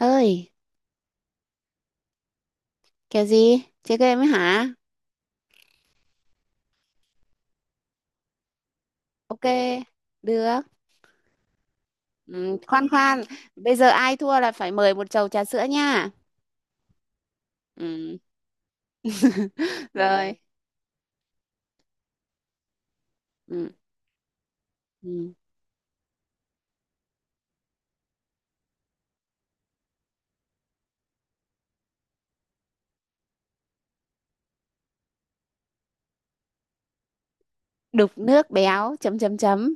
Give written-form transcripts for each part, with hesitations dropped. Ơi? Kèo gì, chơi game ấy hả? Ok, được. Ừ, khoan khoan, bây giờ ai thua là phải mời một chầu trà sữa nha. Ừ. Rồi. Ừ. Ừ. Đục nước béo chấm chấm chấm.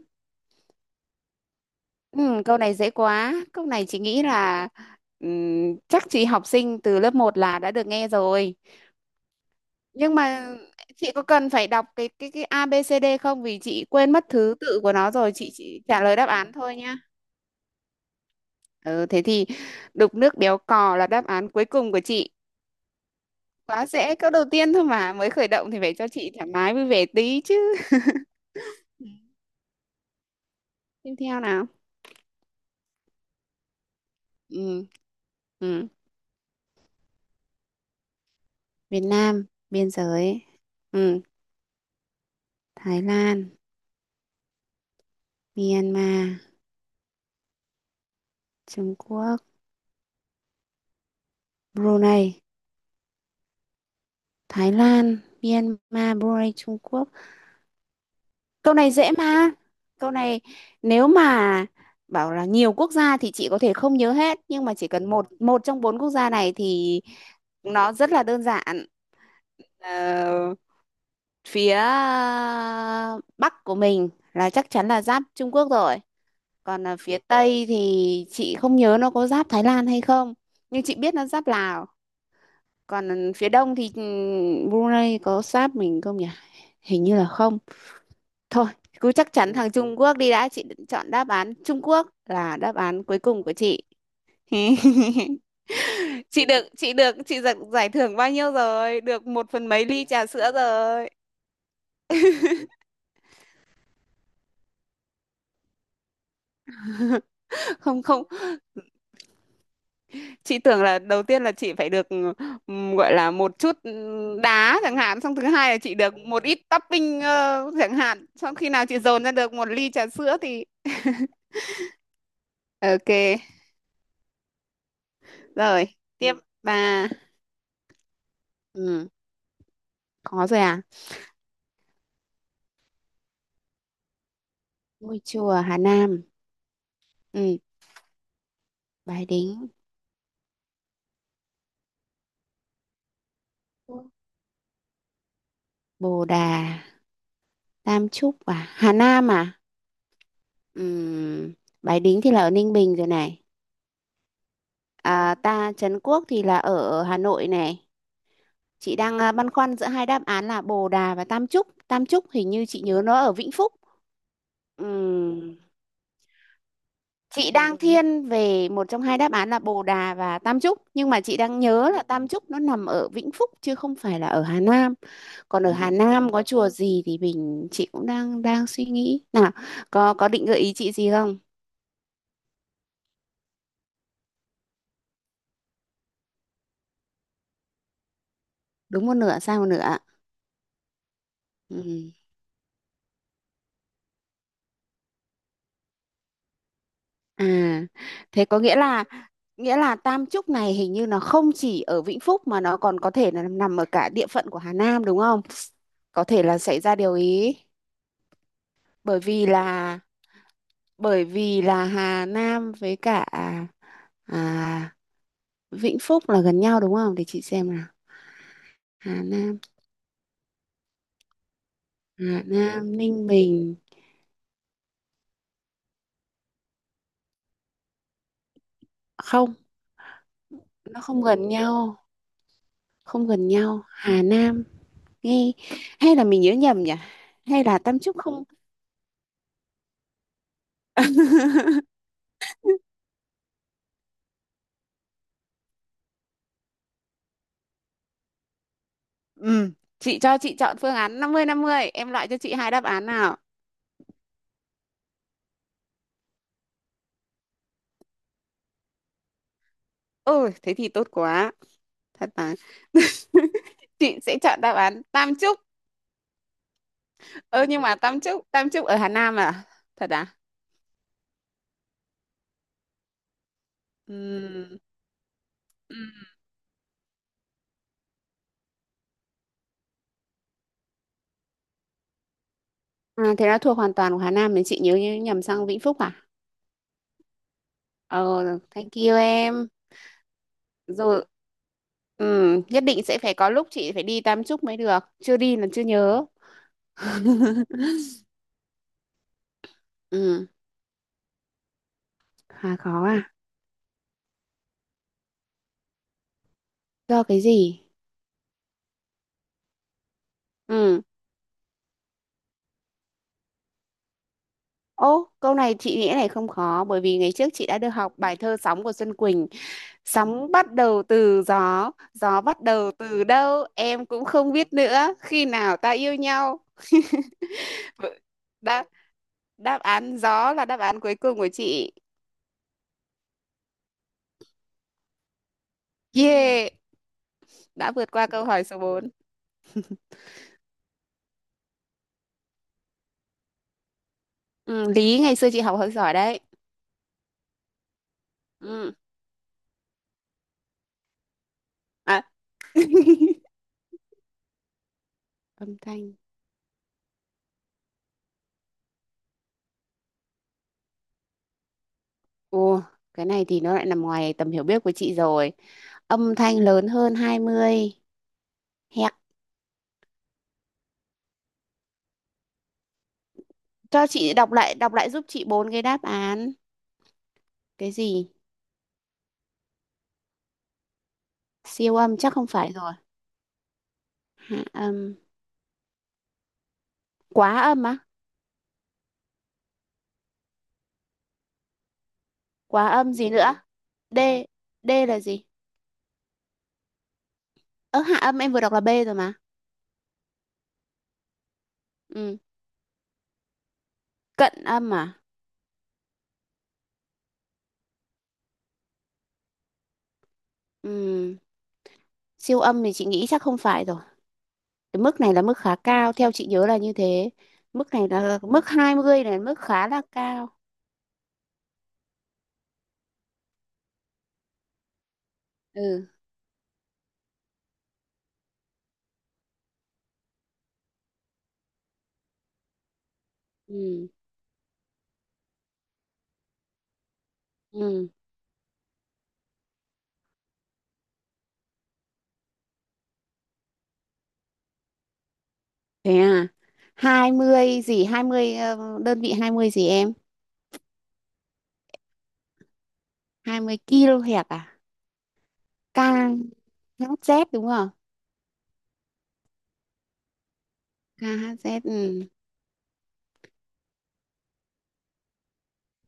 Ừ, Câu này dễ quá, câu này chị nghĩ là, ừ, chắc chị học sinh từ lớp một là đã được nghe rồi. Nhưng mà chị có cần phải đọc cái A B C D không, vì chị quên mất thứ tự của nó rồi, chị trả lời đáp án thôi. Ừ, thế thì đục nước béo cò là đáp án cuối cùng của chị. Quá dễ, câu đầu tiên thôi mà, mới khởi động thì phải cho chị thoải mái vui vẻ tí chứ. Ừ, tiếp theo nào. Ừ. Ừ. Việt Nam, biên giới. Ừ. Thái Lan, Myanmar, Trung Quốc, Brunei. Thái Lan, Myanmar, Brunei, Trung Quốc. Câu này dễ mà. Câu này nếu mà bảo là nhiều quốc gia thì chị có thể không nhớ hết, nhưng mà chỉ cần một một trong bốn quốc gia này thì nó rất là đơn giản. Ờ, phía Bắc của mình là chắc chắn là giáp Trung Quốc rồi. Còn ở phía Tây thì chị không nhớ nó có giáp Thái Lan hay không. Nhưng chị biết nó giáp Lào. Còn phía Đông thì, Brunei có giáp mình không nhỉ? Hình như là không. Thôi, cứ chắc chắn thằng Trung Quốc đi đã, chị định chọn đáp án Trung Quốc là đáp án cuối cùng của chị. Chị được, chị được, chị giật giải thưởng bao nhiêu rồi? Được một phần mấy ly trà sữa rồi. Không không, chị tưởng là đầu tiên là chị phải được gọi là một chút đá chẳng hạn, xong thứ hai là chị được một ít topping chẳng hạn, xong khi nào chị dồn ra được một ly trà sữa thì ok. Rồi, tiếp bà. Ừ, có rồi à? Ngôi chùa Hà Nam, ừ, Bái Đính, Bồ Đà, Tam Chúc à, Hà Nam à? Ừm, Bái Đính thì là ở Ninh Bình rồi này. À, ta Trấn Quốc thì là ở Hà Nội này. Chị đang băn khoăn giữa hai đáp án là Bồ Đà và Tam Chúc. Tam Chúc hình như chị nhớ nó ở Vĩnh Phúc. Ừm, chị đang thiên về một trong hai đáp án là Bồ Đà và Tam Chúc, nhưng mà chị đang nhớ là Tam Chúc nó nằm ở Vĩnh Phúc chứ không phải là ở Hà Nam. Còn ở Hà Nam có chùa gì thì mình chị cũng đang đang suy nghĩ. Nào, có định gợi ý chị gì không? Đúng một nửa sai một nửa. Ừ. À, thế có nghĩa là Tam Trúc này hình như nó không chỉ ở Vĩnh Phúc mà nó còn có thể là nằm ở cả địa phận của Hà Nam đúng không? Có thể là xảy ra điều ý, bởi vì là bởi vì là Hà Nam với cả à, Vĩnh Phúc là gần nhau đúng không? Để chị xem nào. Hà Nam, Hà Nam, Ninh Bình, không, nó không gần nhau, không gần nhau. Hà Nam, nghe, hay là mình nhớ nhầm nhỉ, hay là Tam Trúc không. Ừ. Chị cho chị chọn phương án năm mươi năm mươi, em loại cho chị hai đáp án nào. Ôi thế thì tốt quá. Thật mà. Chị sẽ chọn đáp án Tam Trúc. Ơ nhưng mà Tam Trúc, Tam Trúc ở Hà Nam à? Thật à? Ừm. À, thế là thuộc hoàn toàn của Hà Nam thì chị nhớ nhầm sang Vĩnh Phúc à? Ờ, thank you em. Rồi, ừ, nhất định sẽ phải có lúc chị phải đi Tam Trúc mới được, chưa đi là chưa nhớ. Ừ. Hà, khó à? Do cái gì? Ừ. Ô, câu này chị nghĩ này không khó, bởi vì ngày trước chị đã được học bài thơ Sóng của Xuân Quỳnh. Sóng bắt đầu từ gió, gió bắt đầu từ đâu em cũng không biết nữa, khi nào ta yêu nhau. Vậy- đáp đáp án gió là đáp án cuối cùng của chị. Yeah, đã vượt qua câu hỏi số 4. Ừ, Lý ngày xưa chị học hơi giỏi đấy. Ừ. À. Âm thanh. Ồ, cái này thì nó lại nằm ngoài tầm hiểu biết của chị rồi. Âm thanh lớn hơn 20 Hẹt. Cho chị đọc lại giúp chị bốn cái đáp án. Cái gì? Siêu âm chắc không phải rồi. Hạ âm. Quá âm á? Quá âm gì nữa? D. D là gì? Ơ hạ âm em vừa đọc là B rồi mà. Ừ. Cận âm à? Ừ. Siêu âm thì chị nghĩ chắc không phải rồi. Cái mức này là mức khá cao theo chị nhớ là như thế. Mức này là mức hai mươi này, mức khá là cao. Ừ. Ừ. Ừ. Thế à? Hai mươi gì? Hai mươi đơn vị 20 gì em? 20 kHz kilohertz à? KHZ đúng không? KHZ. Ừ.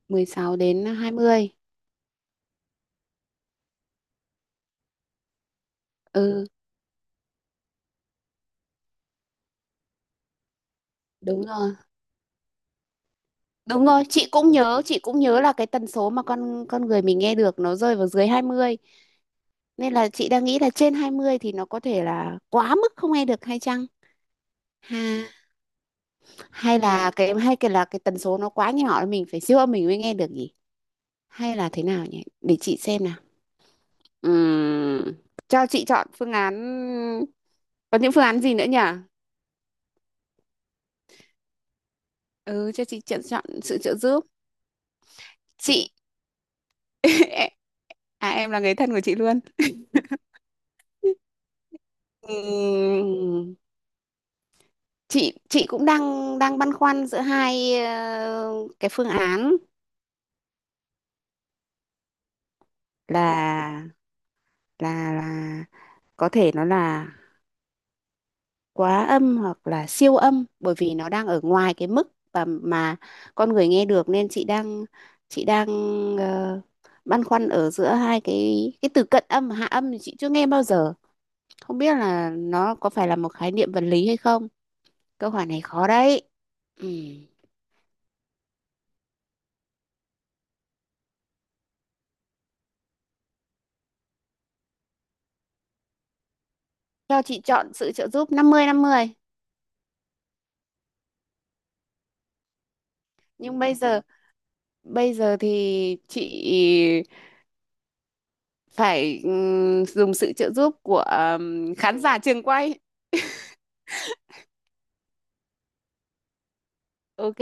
16 đến 20. Ừ đúng rồi, đúng rồi. Chị cũng nhớ, chị cũng nhớ là cái tần số mà con người mình nghe được nó rơi vào dưới 20, nên là chị đang nghĩ là trên 20 thì nó có thể là quá mức không nghe được hay chăng. Ha, hay là cái, hay cái là cái tần số nó quá nhỏ mình phải siêu âm mình mới nghe được nhỉ. Hay là thế nào nhỉ, để chị xem nào. Ừm, cho chị chọn phương án, có những phương án gì nữa nhỉ. Ừ, cho chị chọn chọn sự trợ giúp. Chị. À em là người thân của chị luôn. Ừm, chị cũng đang đang băn khoăn giữa hai cái phương án là, là có thể nó là quá âm hoặc là siêu âm bởi vì nó đang ở ngoài cái mức và mà con người nghe được, nên chị đang, chị đang ờ, băn khoăn ở giữa hai cái từ cận âm và hạ âm thì chị chưa nghe bao giờ, không biết là nó có phải là một khái niệm vật lý hay không. Câu hỏi này khó đấy. Ừ. Cho chị chọn sự trợ giúp năm mươi năm mươi. Nhưng bây giờ, thì chị phải dùng sự trợ giúp của khán giả trường quay. Ok.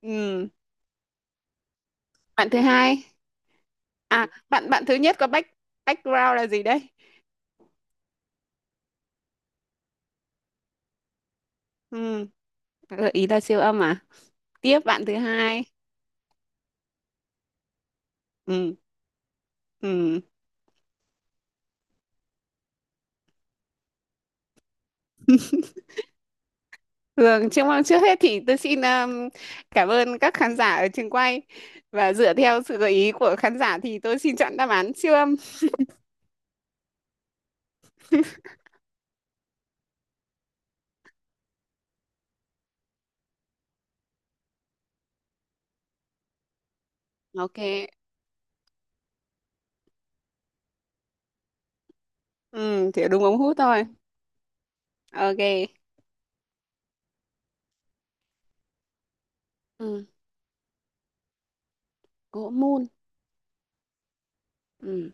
Ừ. Bạn thứ hai. À, bạn bạn thứ nhất có background là gì đấy? Ừ. Gợi ý là siêu âm à? Tiếp bạn thứ hai. Ừ. Ừ. Thường trước trước hết thì tôi xin cảm ơn các khán giả ở trường quay, và dựa theo sự gợi ý của khán giả thì tôi xin chọn đáp án siêu âm. Ok. Ừ, thì đúng ống hút thôi. Ok. Ừ, gỗ mun. Ừ.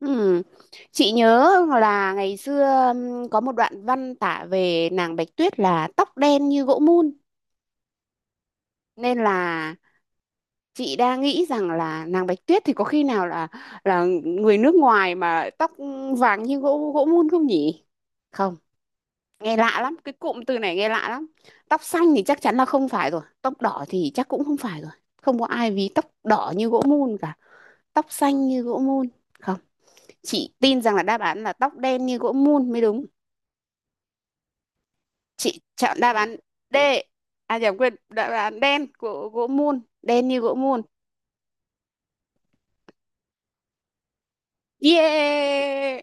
Ừ. Chị nhớ là ngày xưa có một đoạn văn tả về nàng Bạch Tuyết là tóc đen như gỗ mun, nên là chị đang nghĩ rằng là nàng Bạch Tuyết thì có khi nào là người nước ngoài mà tóc vàng như gỗ gỗ mun không nhỉ? Không, nghe lạ lắm, cái cụm từ này nghe lạ lắm. Tóc xanh thì chắc chắn là không phải rồi, tóc đỏ thì chắc cũng không phải rồi. Không có ai ví tóc đỏ như gỗ mun cả, tóc xanh như gỗ mun. Không, chị tin rằng là đáp án là tóc đen như gỗ mun mới đúng. Chị chọn đáp án D, à nhầm, quên, đáp án đen của gỗ mun, đen như gỗ mun. Yeah,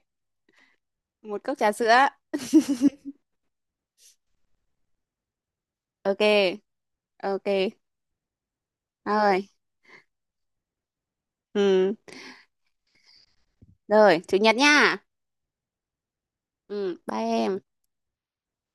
một cốc trà sữa. Ok. Ok rồi. Ừ. Rồi, chủ nhật nha. Ừ, bye em.